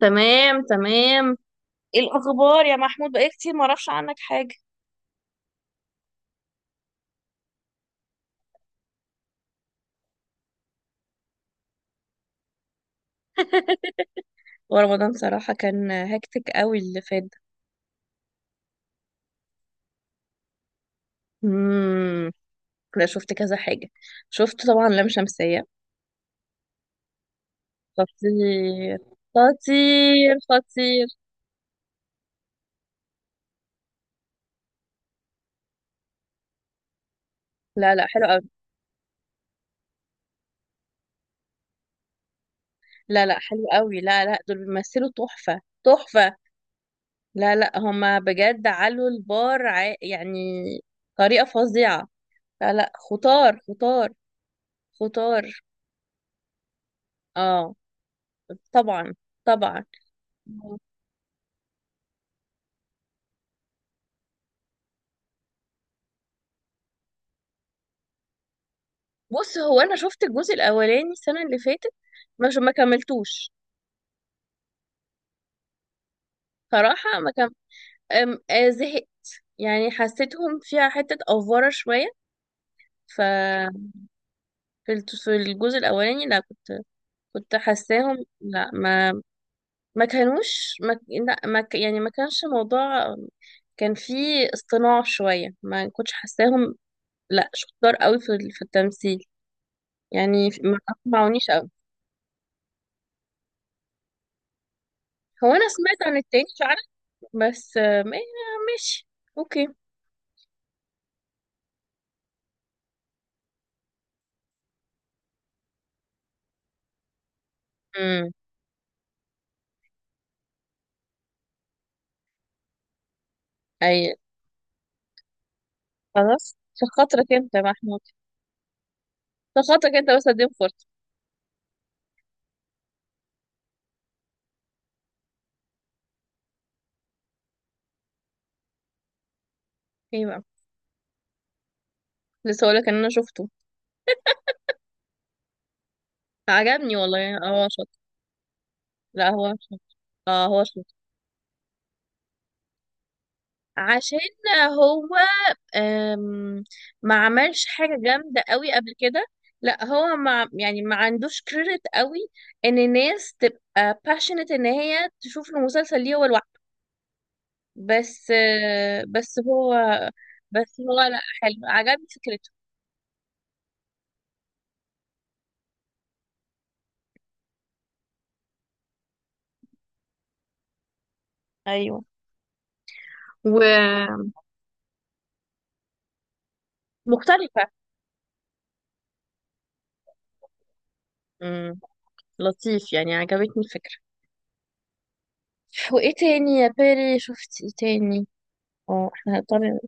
تمام تمام. ايه الاخبار يا محمود؟ بقالي كتير ما اعرفش عنك حاجه. ورمضان صراحه كان هكتك قوي اللي فات ده. امم لا، شفت كذا حاجه. شفت طبعا لام شمسيه. خطير، خطير، خطير. لا لا، حلو قوي. لا لا، حلو قوي. لا لا، دول بيمثلوا تحفه، تحفه. لا لا، هما بجد علوا البار يعني. طريقه فظيعه. لا لا، خطار، خطار، خطار. اه، طبعا، طبعا. بص، هو انا شفت الجزء الاولاني السنه اللي فاتت. مش ما كملتوش. صراحه، ما كم... أم... آه، زهقت. يعني حسيتهم فيها حته افوره شويه. ف في الجزء الاولاني، لا كنت. كنت حاساهم، لا، ما ما كانوش، ما... لا ما... ك- يعني ما كانش موضوع. كان فيه اصطناع شويه، ما كنتش حاساهم. لا، شطار قوي في التمثيل. يعني ما اقنعونيش قوي. هو انا سمعت عن التاني فعلا. بس ماشي. اوكي. امم اي. خلاص، في خاطرك انت يا محمود. في خاطرك انت بس، اديم فرصة. ايه بقى؟ لسه هقولك ان انا شفته. عجبني والله، يعني هو شاطر. لا، هو شاطر. اه، هو شاطر. عشان هو أم... ما عملش حاجة جامدة قوي قبل كده. لا، هو ما يعني، ما عندوش كريدت قوي. ان الناس تبقى passionate ان هي تشوف المسلسل ليه هو لوحده. بس هو، بس هو، لا، حلو، عجبني فكرته. ايوه. ومختلفة. امم لطيف، يعني عجبتني الفكرة. وايه تاني يا بيري؟ شفت ايه تاني؟ اه، احنا هنضطر.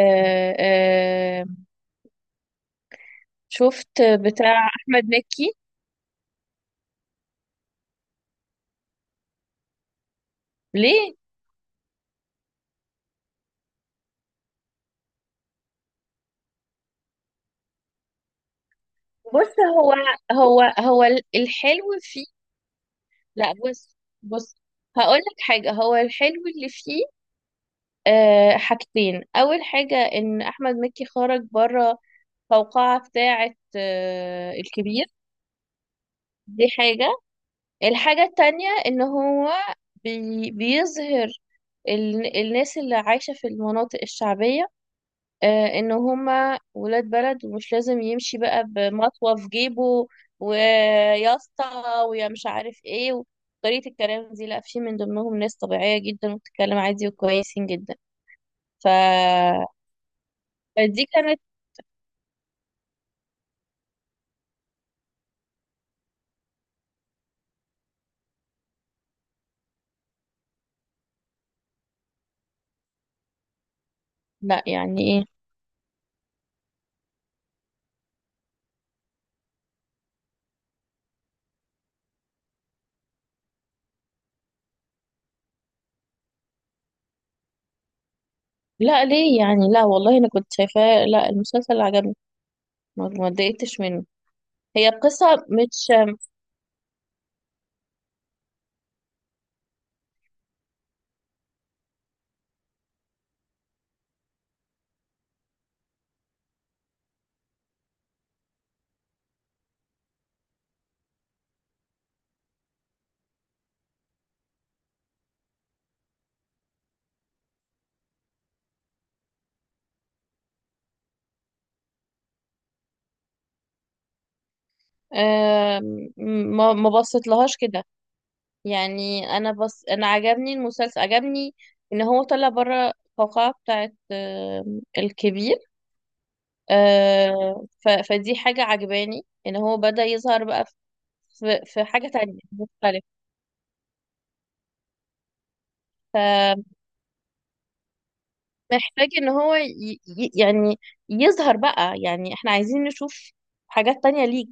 آه آه شفت بتاع احمد مكي. ليه؟ بص، هو الحلو فيه. لا، بص. بص، هقول لك حاجة. هو الحلو اللي فيه، حاجتين. أول حاجة إن أحمد مكي خرج بره القوقعة بتاعة الكبير. دي حاجة. الحاجة التانية ان هو بيظهر الناس اللي عايشة في المناطق الشعبية، ان هما ولاد بلد، ومش لازم يمشي بقى بمطوة في جيبه، وياسطة، ويا مش عارف ايه، وطريقة الكلام دي. لا، في من ضمنهم ناس طبيعية جدا، وبتتكلم عادي، وكويسين جدا. ف... فدي كانت. لا، يعني ايه؟ لا، ليه يعني؟ لا والله، انا كنت شايفاه. لا، المسلسل عجبني. ما اتضايقتش منه. هي القصة مش. آم، ما بصيت لهاش كده. يعني انا، بس انا، عجبني المسلسل، عجبني. ان هو طلع بره القوقعة بتاعت الكبير. فدي حاجة عجباني ان هو بدأ يظهر بقى. في حاجة تانية مختلفة. فمحتاج ان هو يعني يظهر بقى. يعني احنا عايزين نشوف حاجات تانية ليك،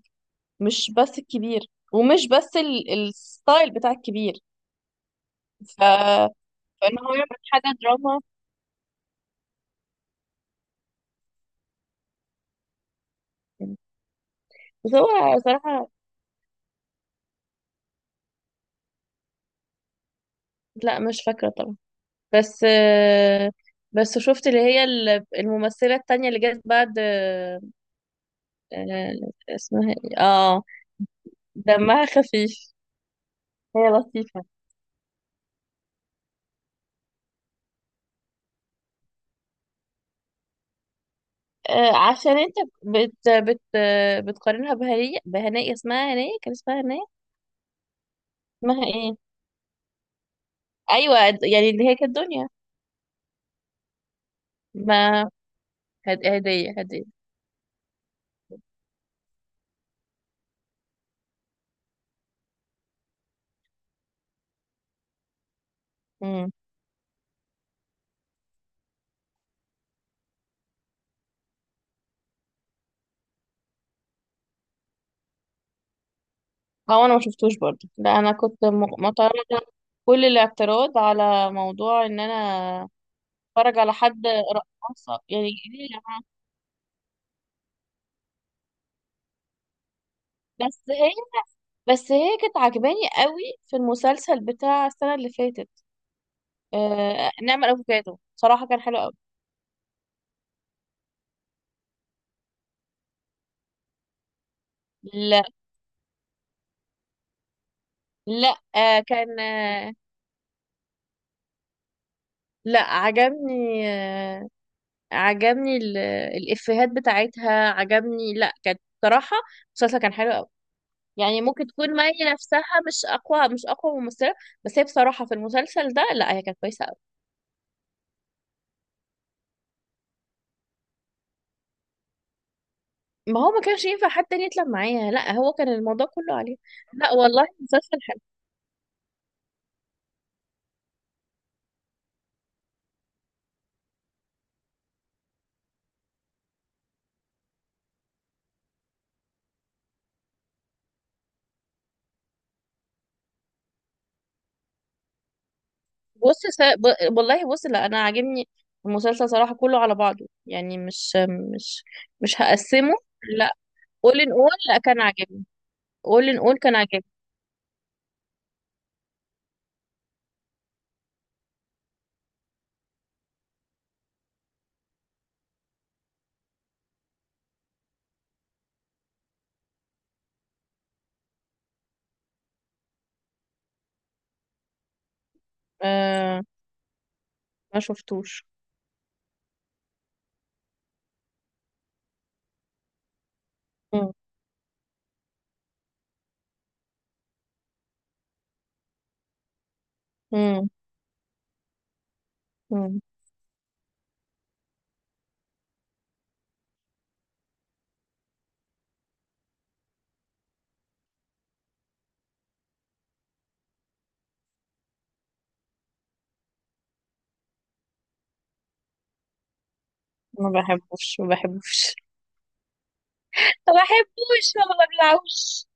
مش بس الكبير، ومش بس الستايل بتاع الكبير. ف... فان هو يعمل حاجة دراما. بس هو صراحة. لا، مش فاكرة طبعا. بس آه، بس شفت اللي هي الممثلة التانية اللي جت بعد آه، اسمها ايه، دمها خفيف. هي لطيفة. عشان انت بت بت بتقارنها بهنية، بهنية اسمها هنية، كان اسمها هنية. اسمها ايه؟ ايوه. يعني اللي هي كانت دنيا. ما هدية، هدية. امم هو انا ما شفتوش برضه. لا، انا كنت معترضة كل الاعتراض على موضوع ان انا اتفرج على حد رقاصة. يعني ايه يا جماعة؟ بس هي بس هي كانت عجباني قوي في المسلسل بتاع السنة اللي فاتت. نعمة الأفوكادو صراحة كان حلو قوي. لا لا، كان، لا، عجبني، عجبني الإفيهات بتاعتها. عجبني، لا كانت صراحة، المسلسل كان حلو قوي. يعني ممكن تكون مي نفسها مش أقوى ممثلة. بس هي بصراحة في المسلسل ده، لا، هي كانت كويسة قوي. ما هو ما كانش ينفع حد تاني يطلع معايا، لا، هو كان الموضوع كله عليه. لا والله، مسلسل حلو. بص س... ب... والله بص، لا انا عاجبني المسلسل صراحة كله على بعضه. يعني مش مش هقسمه. لا، اول ان اول، لا كان عاجبني. اول ان اول كان عاجبني. آه ما شفتوش. مم. مم. مم. ما بحبوش، ما بحبوش. ما بحبوش، ما ببلعوش.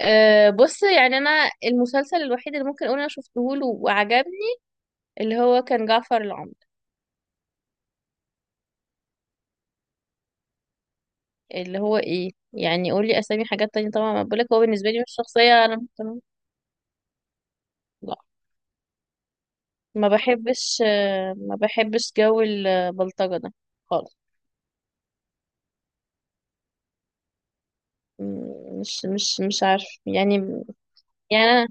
بص، يعني انا المسلسل الوحيد اللي ممكن اقول انا شفته له وعجبني اللي هو كان جعفر العمدة. اللي هو ايه يعني؟ قولي اسامي حاجات تانية طبعا. ما بقولك، هو بالنسبة لي مش شخصية انا مهتمة. لا، ما بحبش، ما بحبش جو البلطجة ده خالص. مش عارف يعني انا،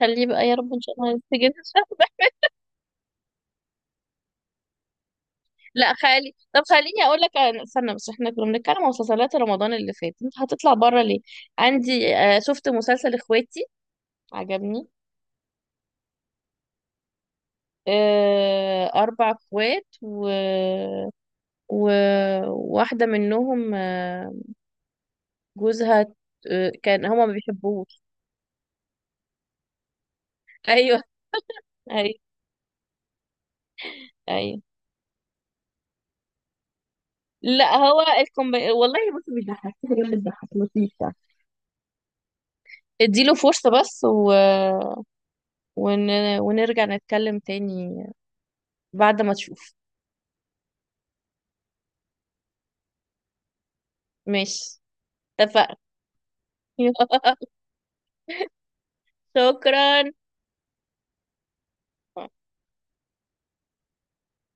خليه بقى يا رب، ان شاء الله يتسجن. لا خالي، طب خليني اقول لك، استنى بس، احنا كنا بنتكلم عن مسلسلات رمضان اللي فات. انت هتطلع بره ليه؟ عندي، شفت مسلسل اخواتي، عجبني. اربع اخوات، وواحدة منهم، جوزها، كان هما ما بيحبوش. ايوه، ايوه، ايوه. لا، هو الكومب والله، بص، مش ضحك، في حاجة بتضحك لطيفة. اديله فرصة بس، ون... ونرجع نتكلم تاني بعد ما تشوف. ماشي. اتفقنا. شكرا.